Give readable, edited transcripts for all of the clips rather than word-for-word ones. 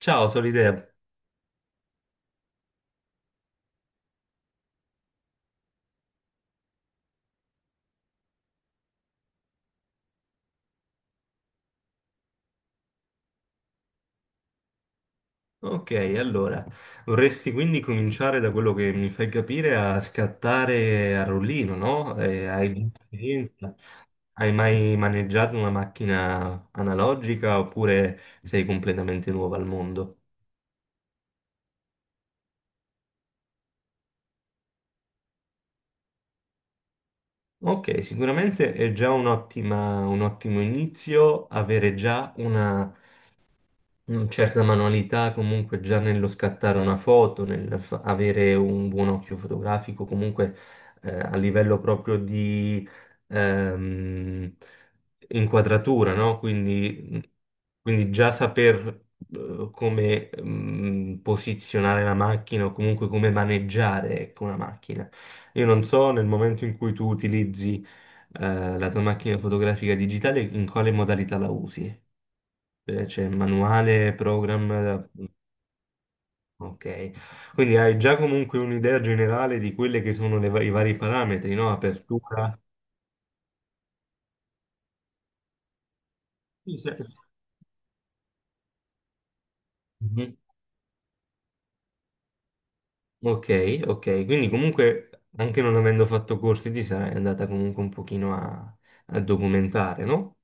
Ciao Solidea. Ok, allora, vorresti quindi cominciare da quello che mi fai capire a scattare a rullino, no? Hai di esperienza? Hai mai maneggiato una macchina analogica oppure sei completamente nuova al mondo? Ok, sicuramente è già un ottimo inizio avere già una certa manualità comunque già nello scattare una foto, avere un buon occhio fotografico, comunque a livello proprio di ehm, inquadratura, no? Quindi, già saper come posizionare la macchina o comunque come maneggiare, ecco, una macchina. Io non so nel momento in cui tu utilizzi la tua macchina fotografica digitale in quale modalità la usi. C'è manuale, program, ok. Quindi hai già comunque un'idea generale di quelle che sono i vari parametri, no? Apertura. Sì, sì, sì. Mhm. Ok, ok. Quindi comunque anche non avendo fatto corsi ti sarai andata comunque un pochino a documentare, no?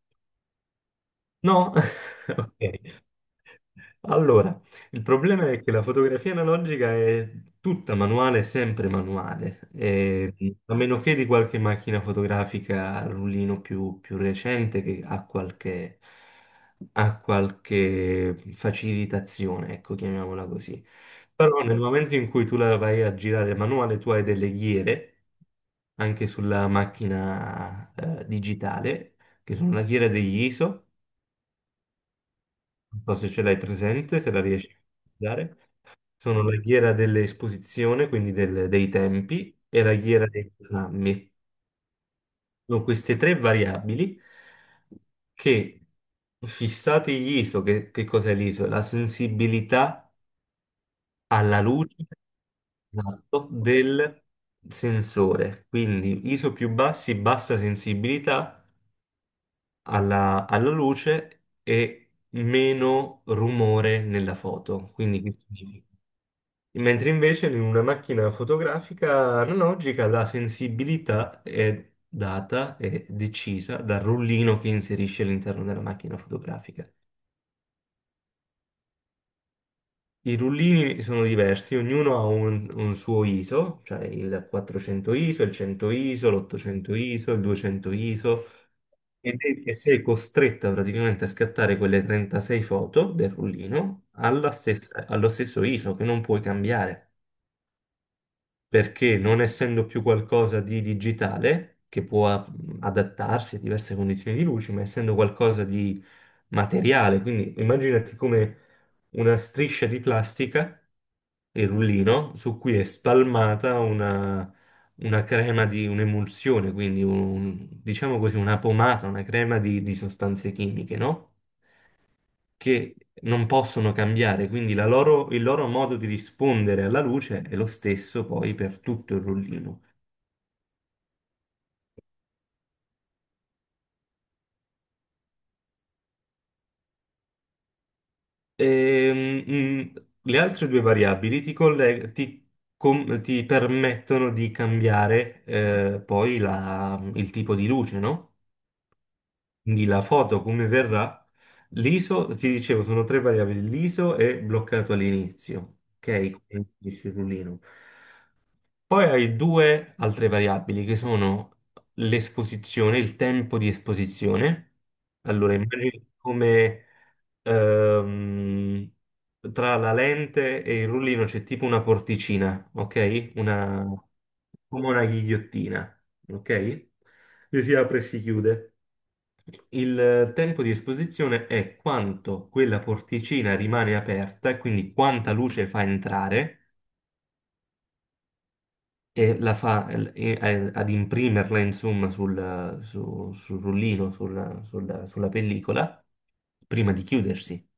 No? Ok. Allora, il problema è che la fotografia analogica è tutta manuale, sempre manuale, e, a meno che di qualche macchina fotografica a rullino più recente che ha qualche facilitazione, ecco, chiamiamola così. Però nel momento in cui tu la vai a girare manuale, tu hai delle ghiere anche sulla macchina digitale, che sono la ghiera degli ISO, non so se ce l'hai presente, se la riesci a utilizzare. Sono la ghiera dell'esposizione, quindi dei tempi, e la ghiera dei programmi. Sono queste tre variabili che, fissati gli ISO, che cos'è l'ISO? La sensibilità alla luce, esatto, del sensore. Quindi ISO più bassi, bassa sensibilità alla luce e meno rumore nella foto. Quindi che significa? Mentre invece in una macchina fotografica analogica la sensibilità è data e decisa dal rullino che inserisce all'interno della macchina fotografica. I rullini sono diversi, ognuno ha un suo ISO, cioè il 400 ISO, il 100 ISO, l'800 ISO, il 200 ISO, e sei costretta praticamente a scattare quelle 36 foto del rullino allo stesso ISO che non puoi cambiare. Perché non essendo più qualcosa di digitale, che può adattarsi a diverse condizioni di luce, ma essendo qualcosa di materiale, quindi immaginati come una striscia di plastica, il rullino, su cui è spalmata una crema di un'emulsione, quindi diciamo così una pomata, una crema di sostanze chimiche, no? Che non possono cambiare, quindi il loro modo di rispondere alla luce è lo stesso poi per tutto il rullino. Ehm, mm, le altre due variabili ti, colle- ti com- ti permettono di cambiare poi il tipo di luce, no? Quindi la foto come verrà, l'ISO, ti dicevo, sono tre variabili, l'ISO è bloccato all'inizio, ok? Quindi il rullino. Poi hai due altre variabili che sono l'esposizione, il tempo di esposizione. Allora, immagini come ehm, tra la lente e il rullino c'è tipo una porticina, ok? Una, come una ghigliottina, ok? Che si apre e si chiude. Il tempo di esposizione è quanto quella porticina rimane aperta, quindi quanta luce fa entrare e la fa ad imprimerla insomma sul rullino, sulla pellicola, prima di chiudersi.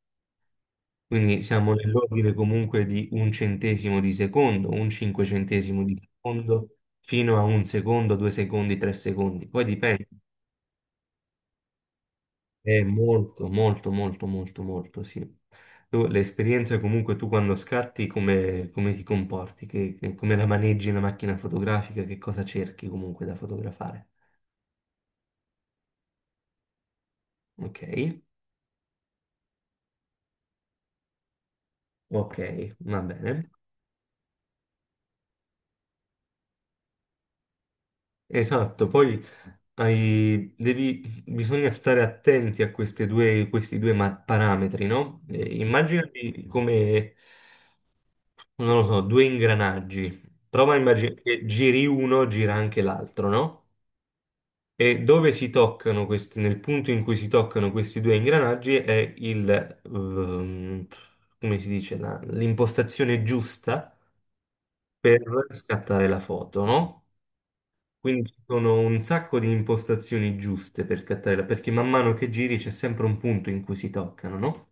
Quindi siamo nell'ordine comunque di un centesimo di secondo, un cinquecentesimo di secondo, fino a un secondo, 2 secondi, 3 secondi. Poi dipende. È molto, molto, molto, molto, molto, sì. L'esperienza comunque tu quando scatti come ti comporti, come la maneggi la macchina fotografica, che cosa cerchi comunque da fotografare. Ok, ok, va bene. Esatto, poi bisogna stare attenti a queste questi due parametri, no? Immaginati come, non lo so, due ingranaggi. Prova a immaginare che giri uno, gira anche l'altro, no? E dove si toccano questi, nel punto in cui si toccano questi due ingranaggi è il, come si dice, l'impostazione giusta per scattare la foto, no? Quindi ci sono un sacco di impostazioni giuste per scattare la, perché man mano che giri c'è sempre un punto in cui si toccano, no?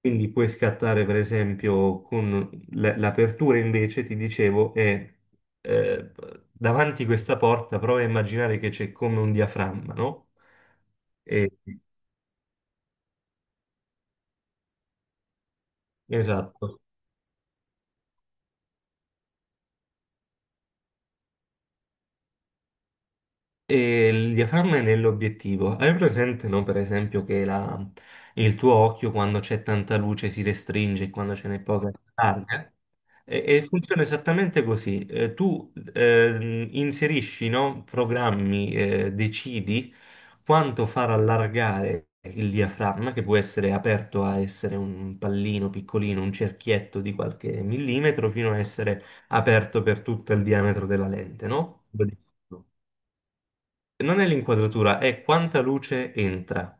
Quindi puoi scattare, per esempio, con l'apertura invece, ti dicevo, è eh, davanti questa porta, prova a immaginare che c'è come un diaframma, no? E- esatto. E il diaframma è nell'obiettivo. Hai presente, no, per esempio, che il tuo occhio quando c'è tanta luce si restringe e quando ce n'è poca si allarga? E funziona esattamente così. Tu inserisci, no, programmi, decidi quanto far allargare il diaframma, che può essere aperto a essere un pallino piccolino, un cerchietto di qualche millimetro, fino a essere aperto per tutto il diametro della lente, no? Non è l'inquadratura, è quanta luce entra.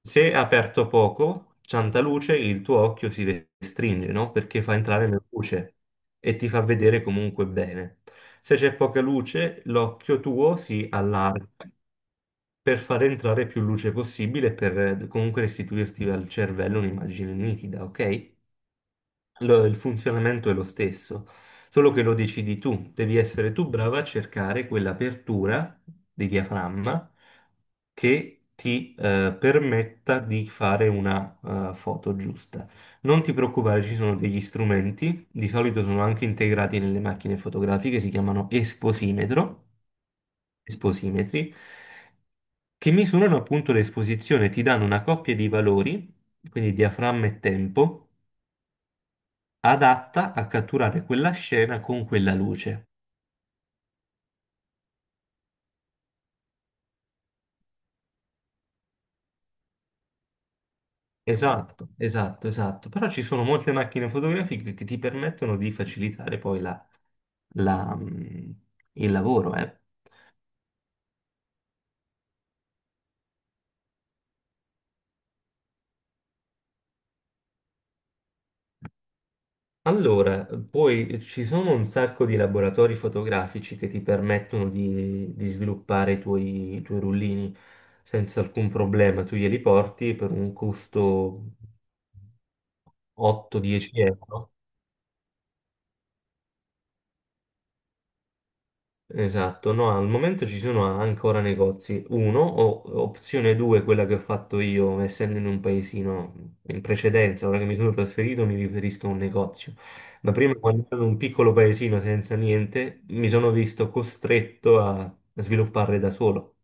Se aperto poco, Ciantaluce, il tuo occhio si restringe, no? Perché fa entrare la luce e ti fa vedere comunque bene. Se c'è poca luce, l'occhio tuo si allarga per far entrare più luce possibile e per comunque restituirti al cervello un'immagine nitida, ok? Il funzionamento è lo stesso, solo che lo decidi tu, devi essere tu brava a cercare quell'apertura di diaframma che ti permetta di fare una foto giusta. Non ti preoccupare, ci sono degli strumenti, di solito sono anche integrati nelle macchine fotografiche, si chiamano esposimetro, esposimetri, che misurano appunto l'esposizione, ti danno una coppia di valori, quindi diaframma e tempo adatta a catturare quella scena con quella luce. Esatto, esatto, esatto. Però ci sono molte macchine fotografiche che ti permettono di facilitare poi la, mm, il lavoro, eh. Allora, poi ci sono un sacco di laboratori fotografici che ti permettono di sviluppare i tuoi rullini senza alcun problema. Tu glieli porti per un costo 8-10 euro. Esatto, no, al momento ci sono ancora negozi. Uno, o opzione 2, quella che ho fatto io, essendo in un paesino in precedenza, ora che mi sono trasferito mi riferisco a un negozio. Ma prima, quando ero in un piccolo paesino senza niente, mi sono visto costretto a sviluppare da solo.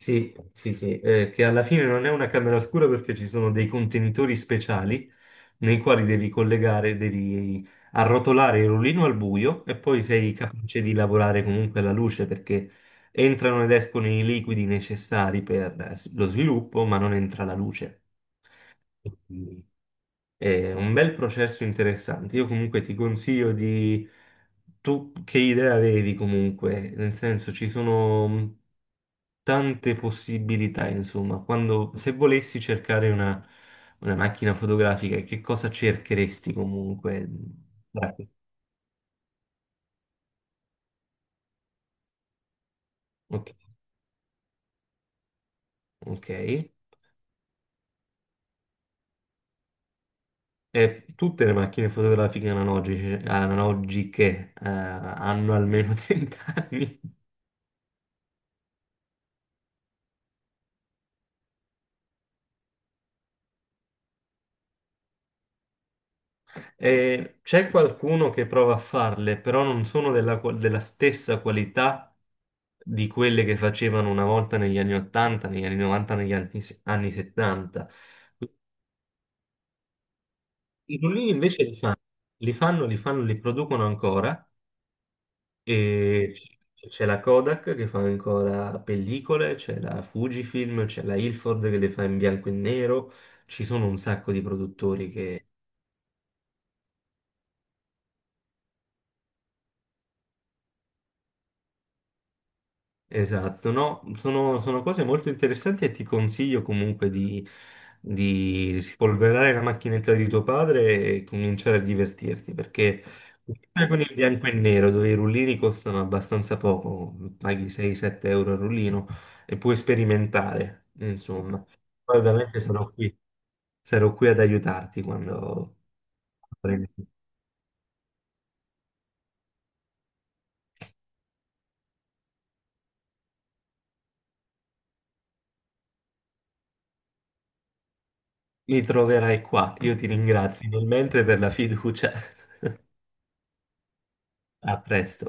Sì, sì, sì, che alla fine non è una camera oscura perché ci sono dei contenitori speciali nei quali devi collegare, devi arrotolare il rullino al buio e poi sei capace di lavorare comunque alla luce perché entrano ed escono i liquidi necessari per lo sviluppo, ma non entra la luce. È un bel processo interessante. Io comunque ti consiglio di... Tu che idea avevi comunque? Nel senso, ci sono tante possibilità, insomma. Se volessi cercare una macchina fotografica, che cosa cercheresti comunque? Dai. Ok. Ok. E tutte le macchine fotografiche analogiche, hanno almeno 30 anni. E c'è qualcuno che prova a farle, però non sono della, della stessa qualità di quelle che facevano una volta negli anni 80, negli anni 90, negli anni 70. I rullini invece li fanno, li producono ancora e c'è la Kodak che fa ancora pellicole, c'è la Fujifilm, c'è la Ilford che le fa in bianco e nero, ci sono un sacco di produttori. Esatto, no, sono cose molto interessanti e ti consiglio comunque di spolverare la macchinetta di tuo padre e cominciare a divertirti, perché con il bianco e nero, dove i rullini costano abbastanza poco, paghi 6-7 euro al rullino e puoi sperimentare, insomma. Poi ovviamente sarò qui ad aiutarti quando mi troverai qua. Io ti ringrazio nel mentre per la fiducia. A presto.